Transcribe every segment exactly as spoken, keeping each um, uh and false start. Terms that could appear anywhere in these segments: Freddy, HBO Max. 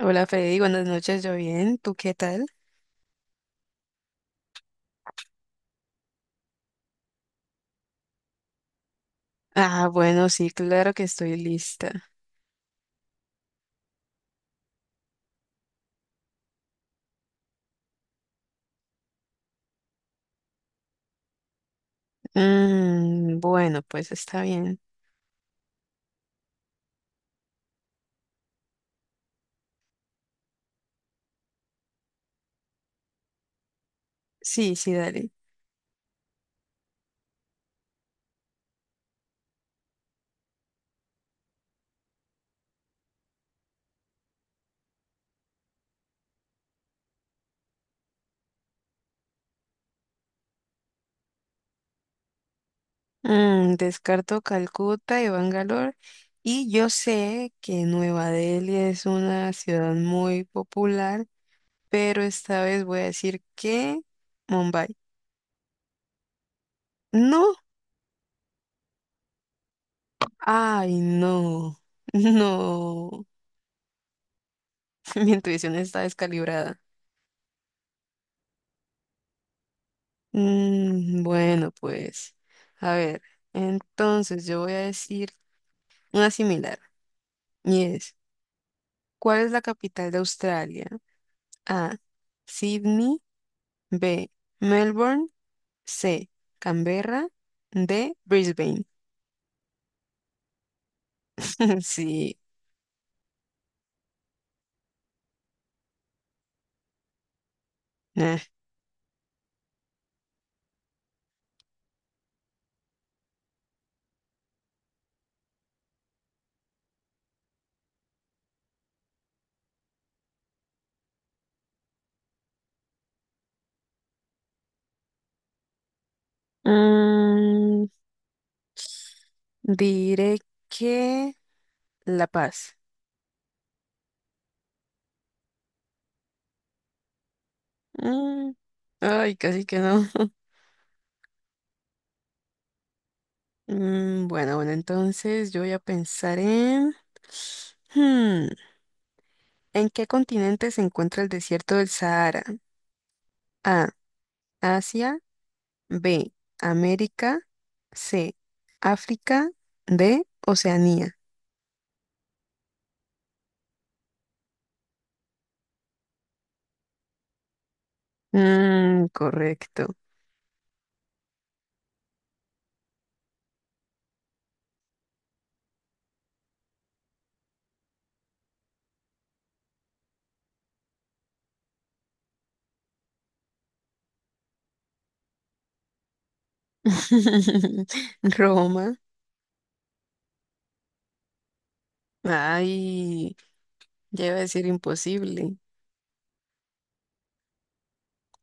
Hola Freddy, buenas noches, yo bien, ¿tú qué tal? Ah, bueno, sí, claro que estoy lista. Mm, bueno, pues está bien. Sí, sí, dale. Mm, descarto Calcuta y Bangalore. Y yo sé que Nueva Delhi es una ciudad muy popular, pero esta vez voy a decir que Mumbai. No, ay, no, no, mi intuición está descalibrada. Mm, bueno, pues, a ver, entonces yo voy a decir una similar, y es, ¿cuál es la capital de Australia? A, Sydney, B, Melbourne, C, Canberra, D, Brisbane. Sí. eh. Mm, Diré que La Paz. Mm, Ay, casi que no. Mm, bueno, bueno, entonces yo voy a pensar en... Hmm, ¿en qué continente se encuentra el desierto del Sahara? A. Asia. B. América. C. África. D. Oceanía. Mm, correcto. Roma. Ay, ya iba a decir imposible.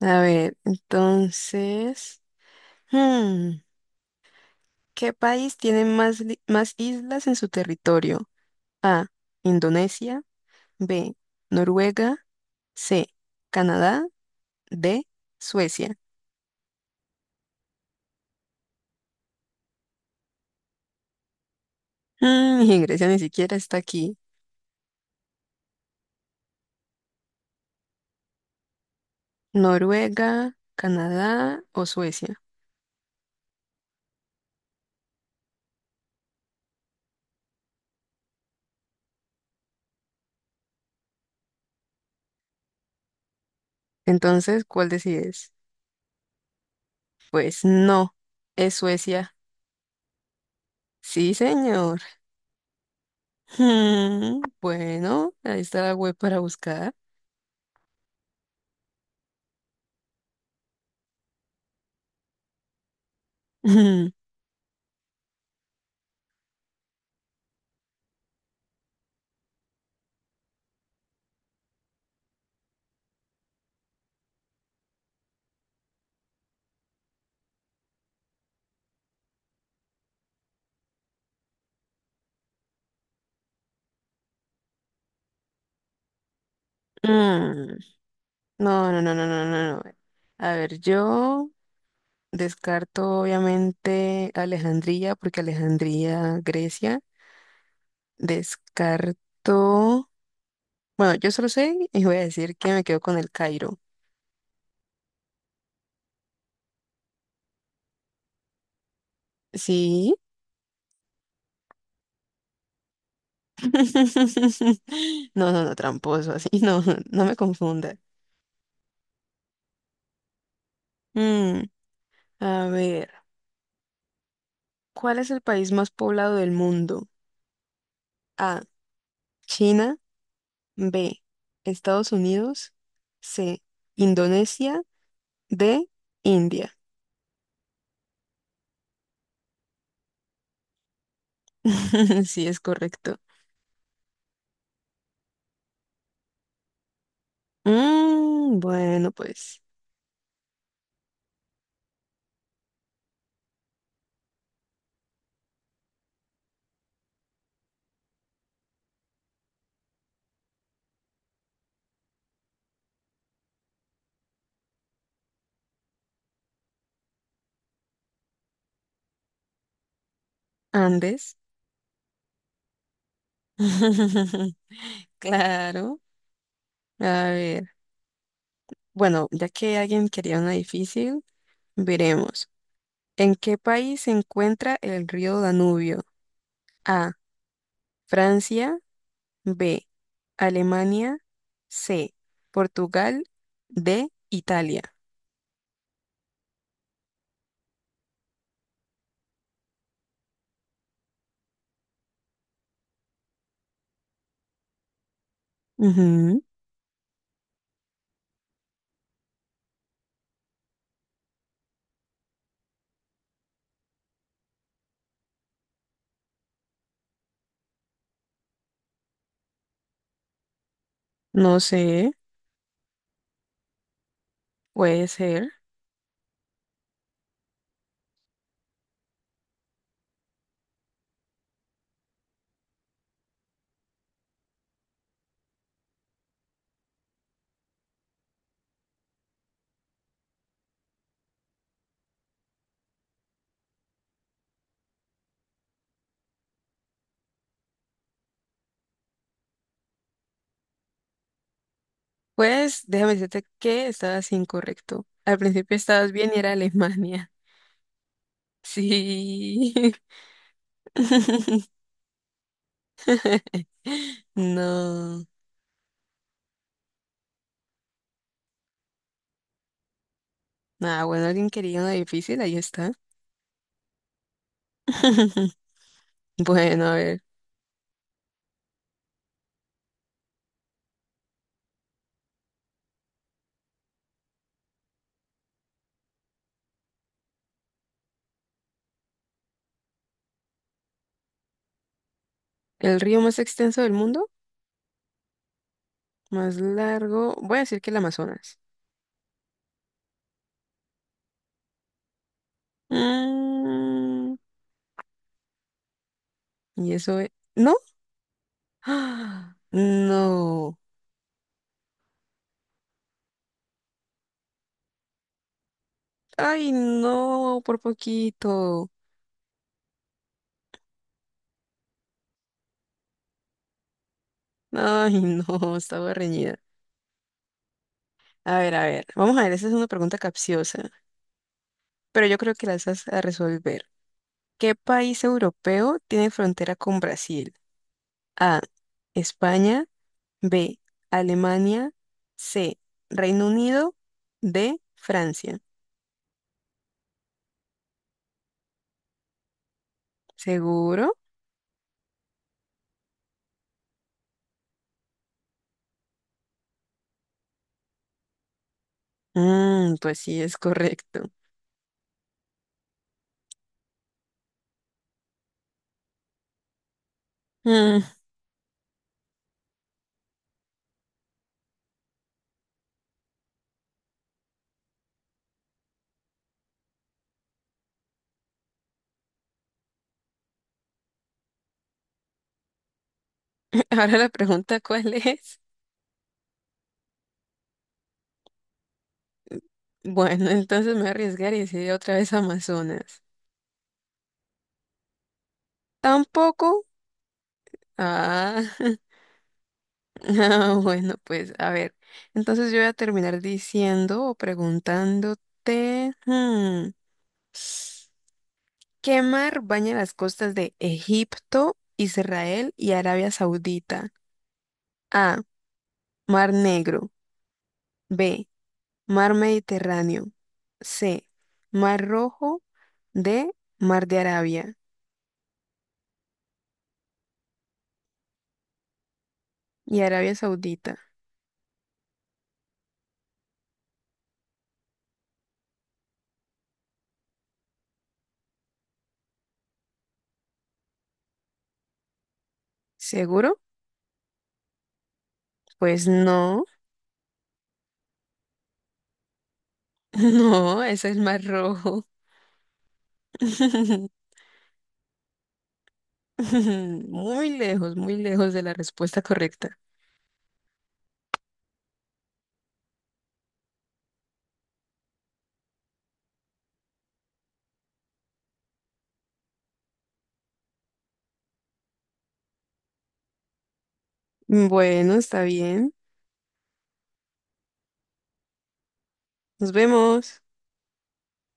A ver, entonces, hmm, ¿qué país tiene más, li- más islas en su territorio? A. Indonesia. B. Noruega. C. Canadá. De Suecia. Mm, y Grecia ni siquiera está aquí. Noruega, Canadá o Suecia. Entonces, ¿cuál decides? Pues no, es Suecia. Sí, señor. Mm, bueno, ahí está la web para buscar. Mm, mm. No, no, no, no, no, no, no. A ver, yo descarto obviamente Alejandría, porque Alejandría, Grecia. Descarto. Bueno, yo solo sé y voy a decir que me quedo con el Cairo. Sí. No, no, no, tramposo, así. No, no me confunda. Mm, a ver, ¿cuál es el país más poblado del mundo? A, China, B, Estados Unidos, C, Indonesia, D, India. Sí, es correcto. Mm, bueno, pues, Andes. Claro. A ver. Bueno, ya que alguien quería una difícil, veremos. ¿En qué país se encuentra el río Danubio? A. Francia. B. Alemania. C. Portugal. D. Italia. Ujú. No sé, puede ser. Pues déjame decirte que estabas incorrecto. Al principio estabas bien y era Alemania. Sí. No. Nada, bueno, alguien quería una difícil, ahí está. Bueno, a ver, el río más extenso del mundo, más largo, voy a decir que el Amazonas. Mm, y eso es... ¿No? ¡Ah! No. Ay, no, por poquito. Ay, no, estaba reñida. A ver, a ver, vamos a ver, esa es una pregunta capciosa, pero yo creo que la vas a resolver. ¿Qué país europeo tiene frontera con Brasil? A, España, B, Alemania, C, Reino Unido, D, Francia. ¿Seguro? Mm, pues sí, es correcto. Mm, Ahora la pregunta, ¿cuál es? Bueno, entonces me voy a arriesgar y decir otra vez Amazonas. ¿Tampoco? Ah, ah, bueno, pues a ver. Entonces yo voy a terminar diciendo o preguntándote, hmm, ¿qué mar baña las costas de Egipto, Israel y Arabia Saudita? A. Mar Negro. B. Mar Mediterráneo. C. Mar Rojo. D. Mar de Arabia. Y Arabia Saudita. ¿Seguro? Pues no. No, ese es Mar Rojo. Muy lejos, muy lejos de la respuesta correcta. Bueno, está bien. Nos vemos.